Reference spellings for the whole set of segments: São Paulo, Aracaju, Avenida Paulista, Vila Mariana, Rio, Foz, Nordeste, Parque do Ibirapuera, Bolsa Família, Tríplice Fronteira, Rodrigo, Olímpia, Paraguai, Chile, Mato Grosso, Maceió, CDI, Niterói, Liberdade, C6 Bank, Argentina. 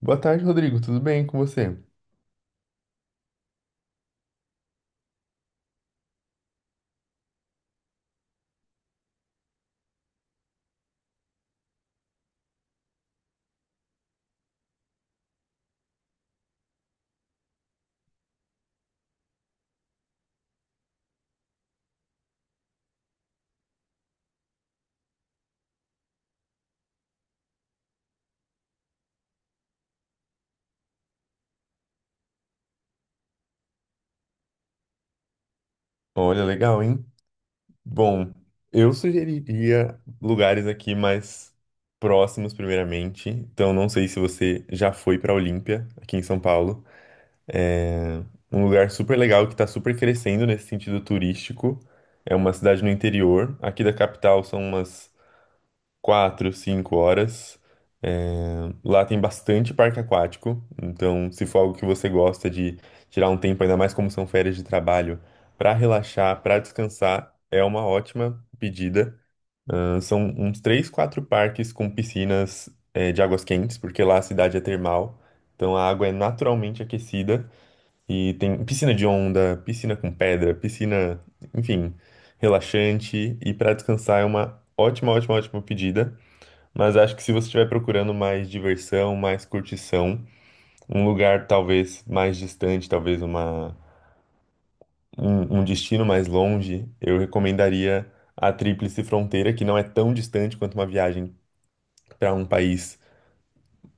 Boa tarde, Rodrigo. Tudo bem com você? Olha, legal, hein? Bom, eu sugeriria lugares aqui mais próximos, primeiramente. Então, não sei se você já foi para Olímpia, aqui em São Paulo. Um lugar super legal que está super crescendo nesse sentido turístico. É uma cidade no interior. Aqui da capital são umas quatro, cinco horas. Lá tem bastante parque aquático, então se for algo que você gosta de tirar um tempo, ainda mais como são férias de trabalho, para relaxar, para descansar, é uma ótima pedida. Ah, São uns três, quatro parques com piscinas, de águas quentes, porque lá a cidade é termal, então a água é naturalmente aquecida e tem piscina de onda, piscina com pedra, piscina, enfim, relaxante e para descansar é uma ótima, ótima, ótima pedida. Mas acho que se você estiver procurando mais diversão, mais curtição, um lugar talvez mais distante, talvez um destino mais longe, eu recomendaria a Tríplice Fronteira, que não é tão distante quanto uma viagem para um país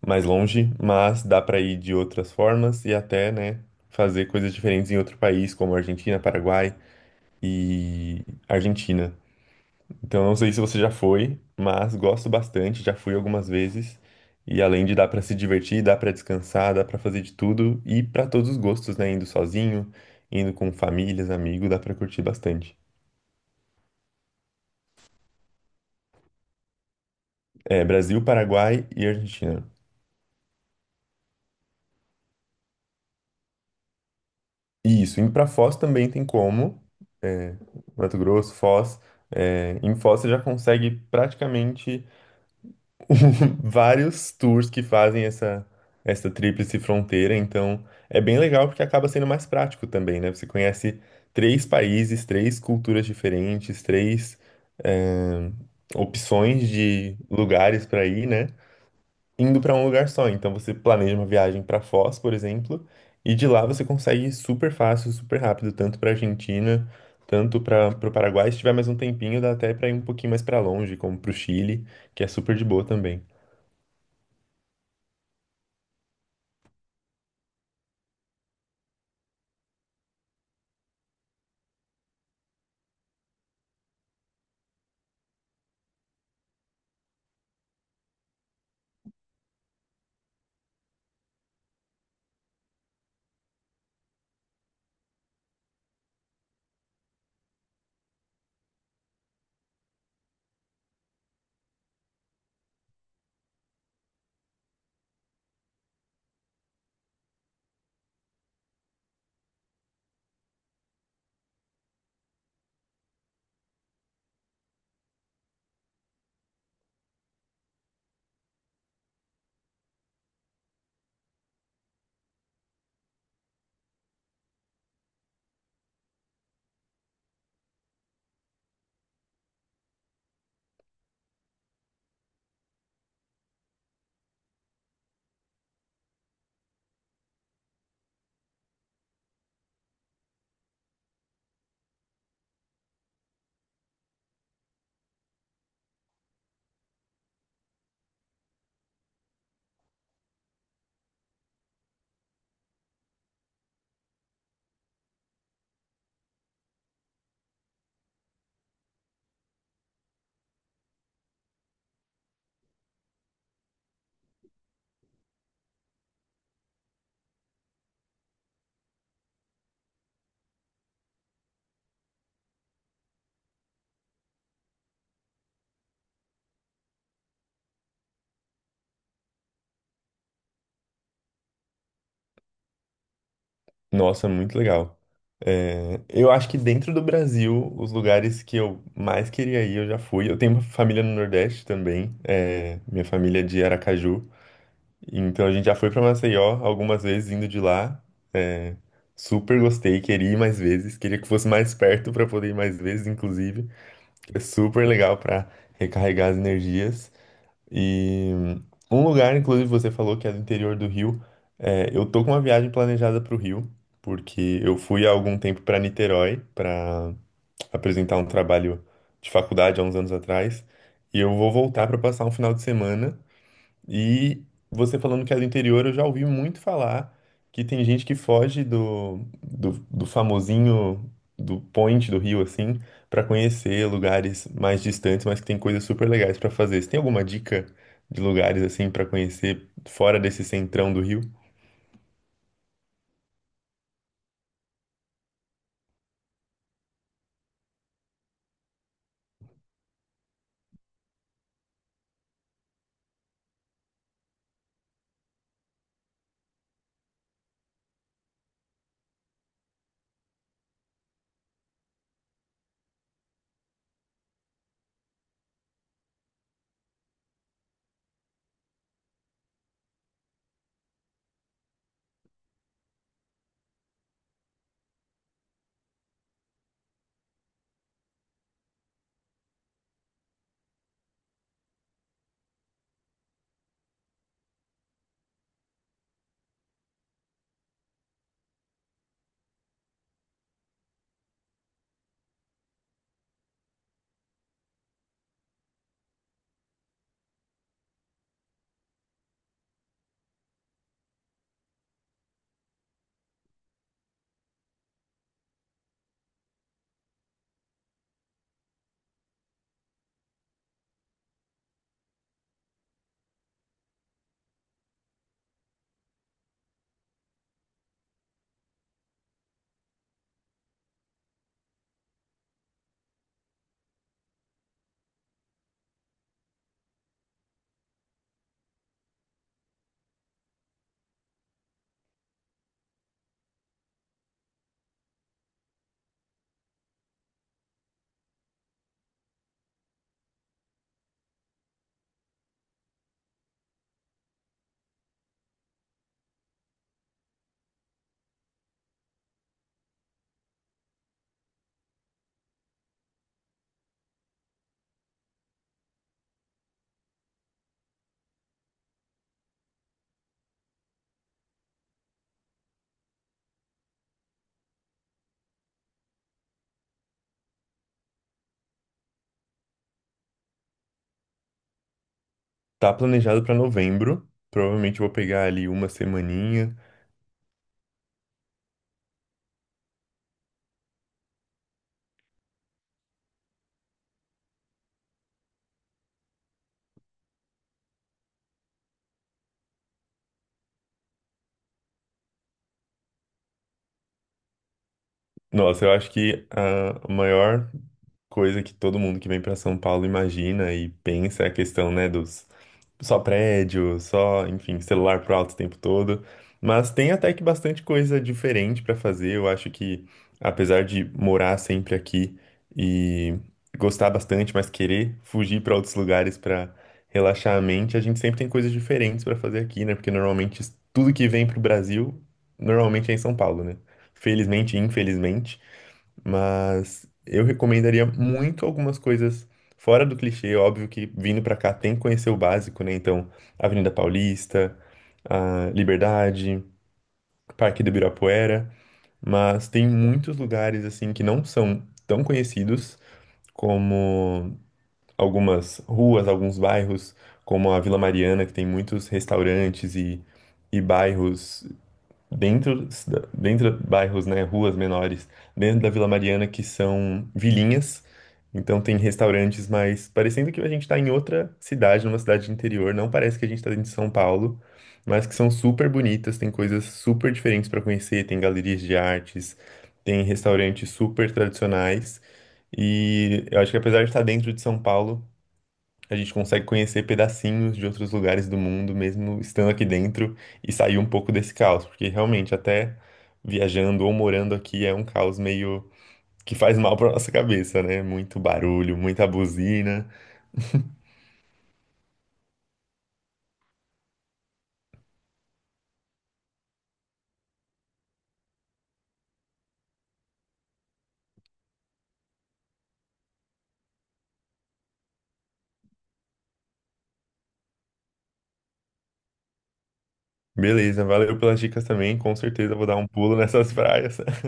mais longe, mas dá para ir de outras formas e até, né, fazer coisas diferentes em outro país, como Argentina, Paraguai e Argentina. Então, não sei se você já foi, mas gosto bastante, já fui algumas vezes. E além de dar pra se divertir, dá pra descansar, dá pra fazer de tudo e pra todos os gostos, né? Indo sozinho, indo com famílias, amigos, dá pra curtir bastante. É, Brasil, Paraguai e Argentina. Isso, indo pra Foz também tem como, Mato Grosso, Foz. É, em Foz você já consegue praticamente vários tours que fazem essa tríplice fronteira, então é bem legal porque acaba sendo mais prático também, né? Você conhece três países, três culturas diferentes, três hum, opções de lugares para ir, né? Indo para um lugar só. Então você planeja uma viagem para Foz, por exemplo, e de lá você consegue ir super fácil, super rápido, tanto para Argentina, tanto para o Paraguai. Se tiver mais um tempinho, dá até para ir um pouquinho mais para longe, como para o Chile, que é super de boa também. Nossa, muito legal. É, eu acho que dentro do Brasil, os lugares que eu mais queria ir, eu já fui. Eu tenho uma família no Nordeste também, é, minha família é de Aracaju. Então a gente já foi para Maceió algumas vezes indo de lá. É, super gostei, queria ir mais vezes, queria que fosse mais perto para poder ir mais vezes, inclusive. É super legal para recarregar as energias. E um lugar, inclusive, você falou que é do interior do Rio. É, eu tô com uma viagem planejada pro Rio, porque eu fui há algum tempo para Niterói para apresentar um trabalho de faculdade há uns anos atrás. E eu vou voltar para passar um final de semana. E você falando que é do interior, eu já ouvi muito falar que tem gente que foge do famosinho do point do Rio, assim, pra conhecer lugares mais distantes, mas que tem coisas super legais pra fazer. Você tem alguma dica de lugares, assim, pra conhecer fora desse centrão do Rio? Tá planejado pra novembro. Provavelmente eu vou pegar ali uma semaninha. Nossa, eu acho que a maior coisa que todo mundo que vem para São Paulo imagina e pensa é a questão, né, dos só prédio, só, enfim, celular pro alto o tempo todo. Mas tem até que bastante coisa diferente para fazer. Eu acho que, apesar de morar sempre aqui e gostar bastante, mas querer fugir para outros lugares para relaxar a mente, a gente sempre tem coisas diferentes para fazer aqui, né? Porque normalmente tudo que vem pro Brasil, normalmente é em São Paulo, né? Felizmente e infelizmente, mas eu recomendaria muito algumas coisas fora do clichê, óbvio que vindo pra cá tem que conhecer o básico, né? Então, Avenida Paulista, a Liberdade, Parque do Ibirapuera, mas tem muitos lugares assim que não são tão conhecidos como algumas ruas, alguns bairros, como a Vila Mariana, que tem muitos restaurantes e bairros dentro, dentro de bairros, né, ruas menores, dentro da Vila Mariana, que são vilinhas. Então tem restaurantes, mas parecendo que a gente está em outra cidade, numa cidade de interior, não parece que a gente está dentro de São Paulo, mas que são super bonitas, tem coisas super diferentes para conhecer, tem galerias de artes, tem restaurantes super tradicionais. E eu acho que apesar de estar dentro de São Paulo, a gente consegue conhecer pedacinhos de outros lugares do mundo, mesmo estando aqui dentro, e sair um pouco desse caos, porque realmente até viajando ou morando aqui é um caos meio que faz mal para nossa cabeça, né? Muito barulho, muita buzina. Beleza, valeu pelas dicas também. Com certeza vou dar um pulo nessas praias.